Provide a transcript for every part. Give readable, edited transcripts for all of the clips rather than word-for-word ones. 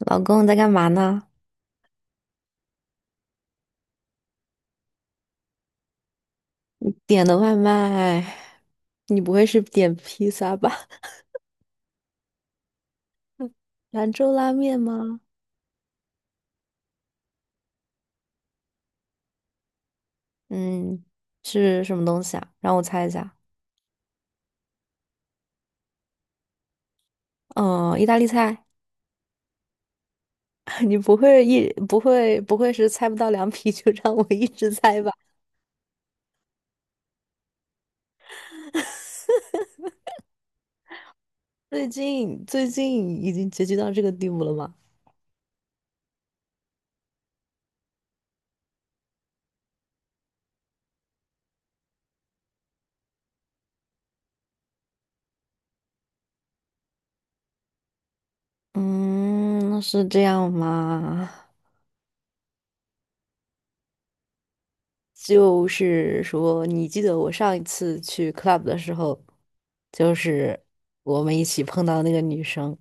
老公在干嘛呢？你点的外卖，你不会是点披萨吧？兰州拉面吗？嗯，是什么东西啊？让我猜一下。嗯，意大利菜。你不会一不会是猜不到凉皮就让我一直猜吧？最近已经结局到这个地步了吗？嗯，是这样吗？就是说，你记得我上一次去 club 的时候，就是我们一起碰到那个女生。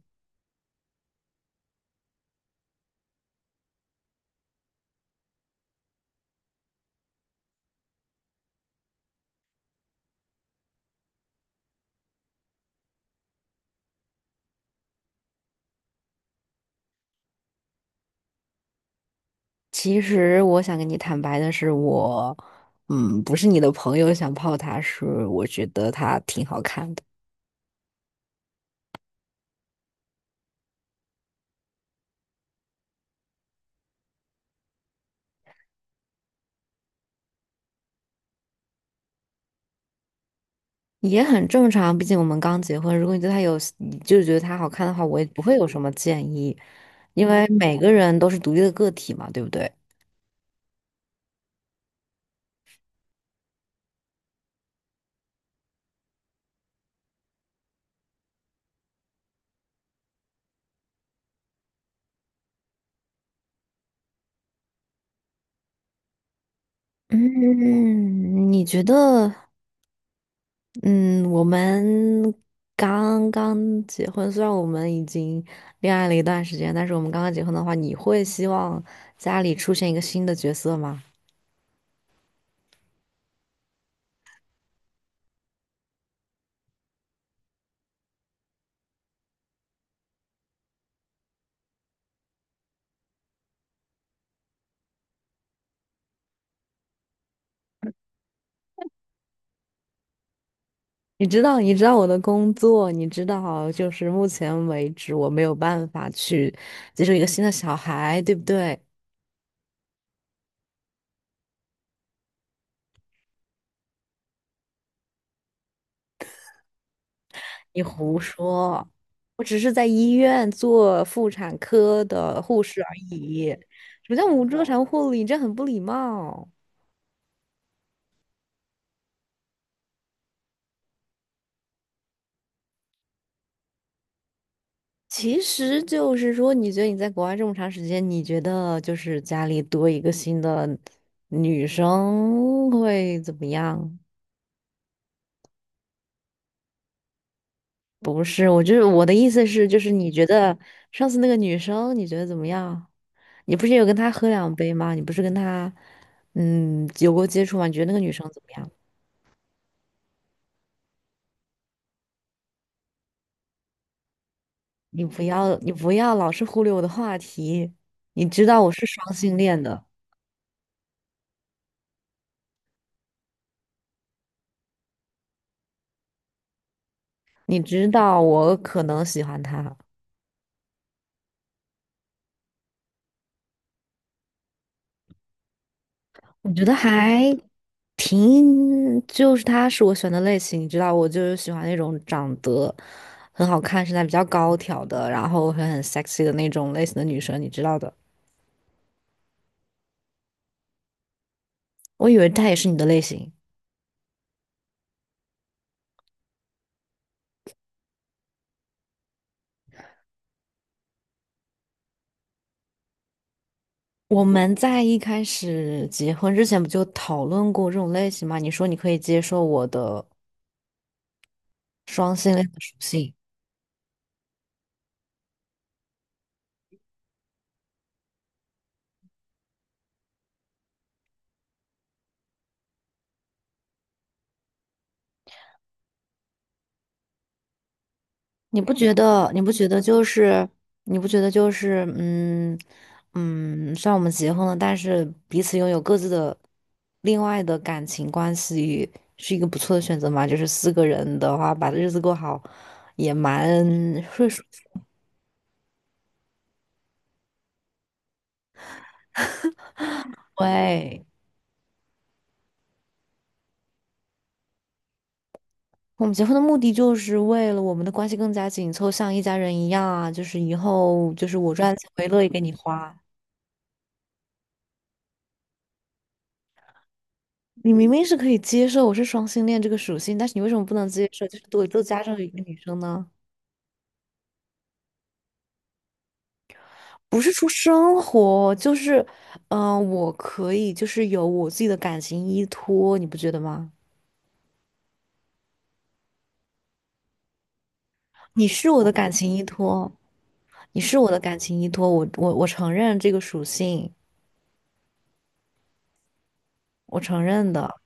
其实我想跟你坦白的是我，嗯，不是你的朋友想泡她，是我觉得她挺好看的，也很正常。毕竟我们刚结婚，如果你对她有，你就觉得她好看的话，我也不会有什么建议，因为每个人都是独立的个体嘛，对不对？嗯，你觉得？嗯，我们刚刚结婚，虽然我们已经恋爱了一段时间，但是我们刚刚结婚的话，你会希望家里出现一个新的角色吗？你知道，你知道我的工作，你知道，就是目前为止我没有办法去接受一个新的小孩，对不对？你胡说，我只是在医院做妇产科的护士而已。什么叫无助产护理？这很不礼貌。其实就是说，你觉得你在国外这么长时间，你觉得就是家里多一个新的女生会怎么样？不是，我就是我的意思是，就是你觉得上次那个女生，你觉得怎么样？你不是有跟她喝两杯吗？你不是跟她有过接触吗？你觉得那个女生怎么样？你不要老是忽略我的话题，你知道我是双性恋的，你知道我可能喜欢她。我觉得还挺，就是他是我选的类型，你知道，我就是喜欢那种长得很好看、身材比较高挑的，然后很 sexy 的那种类型的女生，你知道的。我以为她也是你的类型。我们在一开始结婚之前不就讨论过这种类型吗？你说你可以接受我的双性恋的属性。你不觉得？你不觉得就是？你不觉得就是？嗯，嗯，虽然我们结婚了，但是彼此拥有各自的另外的感情关系，是一个不错的选择嘛？就是四个人的话，把日子过好也蛮会舒服。对，我们结婚的目的就是为了我们的关系更加紧凑，像一家人一样啊！就是以后就是我赚钱我也乐意给你花。你明明是可以接受我是双性恋这个属性，但是你为什么不能接受？就是都做加上一个女生呢？不是说生活，就是，嗯、我可以就是有我自己的感情依托，你不觉得吗？你是我的感情依托，你是我的感情依托，我承认这个属性，我承认的，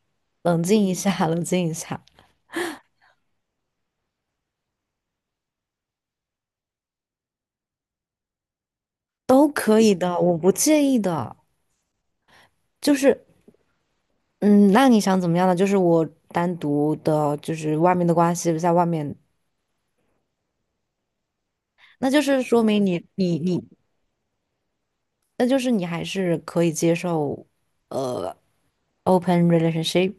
冷静一下，冷静一下，都可以的，我不介意的，就是。嗯，那你想怎么样呢？就是我单独的，就是外面的关系，在外面那就是说明你，那就是你还是可以接受呃 open relationship。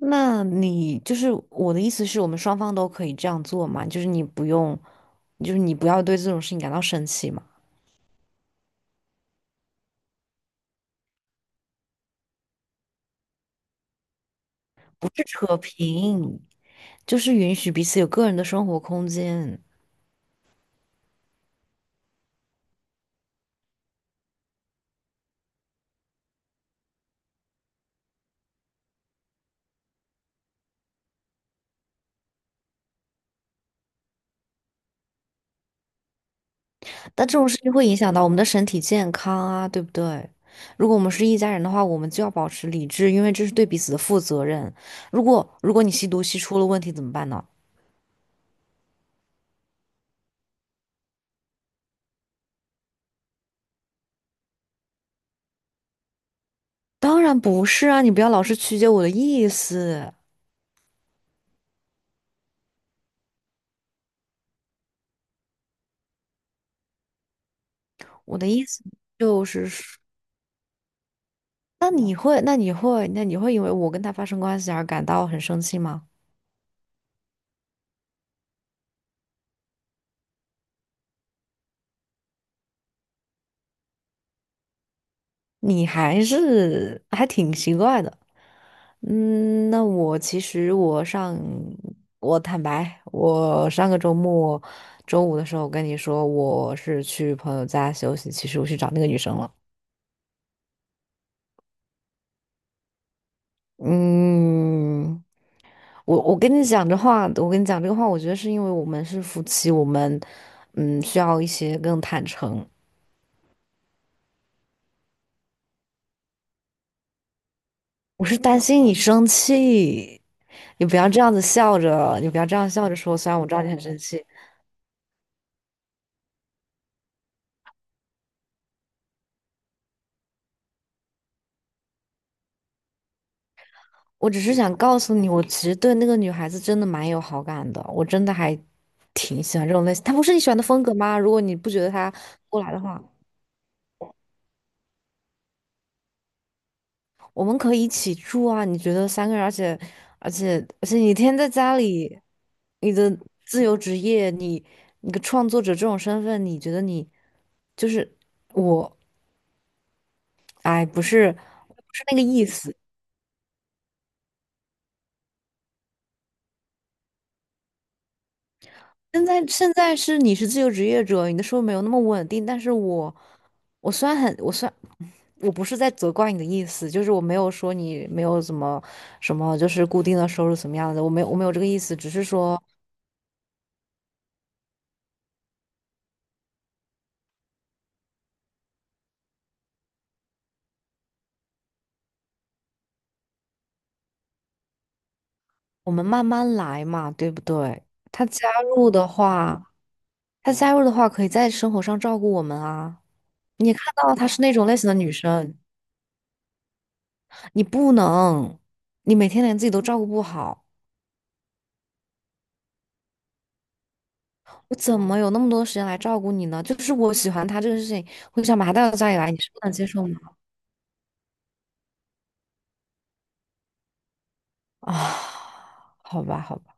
那你就是我的意思是我们双方都可以这样做嘛？就是你不用，就是你不要对这种事情感到生气嘛，不是扯平，就是允许彼此有个人的生活空间。但这种事情会影响到我们的身体健康啊，对不对？如果我们是一家人的话，我们就要保持理智，因为这是对彼此的负责任。如果你吸毒吸出了问题怎么办呢？当然不是啊，你不要老是曲解我的意思。我的意思就是说，那你会因为我跟他发生关系而感到很生气吗？你还是还挺奇怪的。嗯，那我其实我上，我坦白，我上个周末周五的时候跟你说我是去朋友家休息，其实我去找那个女生了。嗯。我跟你讲这话，我跟你讲这个话，我觉得是因为我们是夫妻，我们需要一些更坦诚。我是担心你生气，你不要这样子笑着，你不要这样笑着说。虽然我知道你很生气，我只是想告诉你，我其实对那个女孩子真的蛮有好感的，我真的还挺喜欢这种类型。她不是你喜欢的风格吗？如果你不觉得她过来的话。我们可以一起住啊，你觉得三个人，而且而且你天天在家里，你的自由职业，你你个创作者这种身份，你觉得你就是我，哎，不是那个意思。现在是你是自由职业者，你的收入没有那么稳定，但是我我虽然很我虽然我不是在责怪你的意思，就是我没有说你没有怎么什么，就是固定的收入怎么样的，我没有这个意思，只是说。我们慢慢来嘛，对不对？他加入的话，他加入的话，可以在生活上照顾我们啊。你也看到她是那种类型的女生，你不能，你每天连自己都照顾不好，我怎么有那么多时间来照顾你呢？就是我喜欢她这个事情，我想把她带到家里来，你是不能接受吗？啊，好吧，好吧。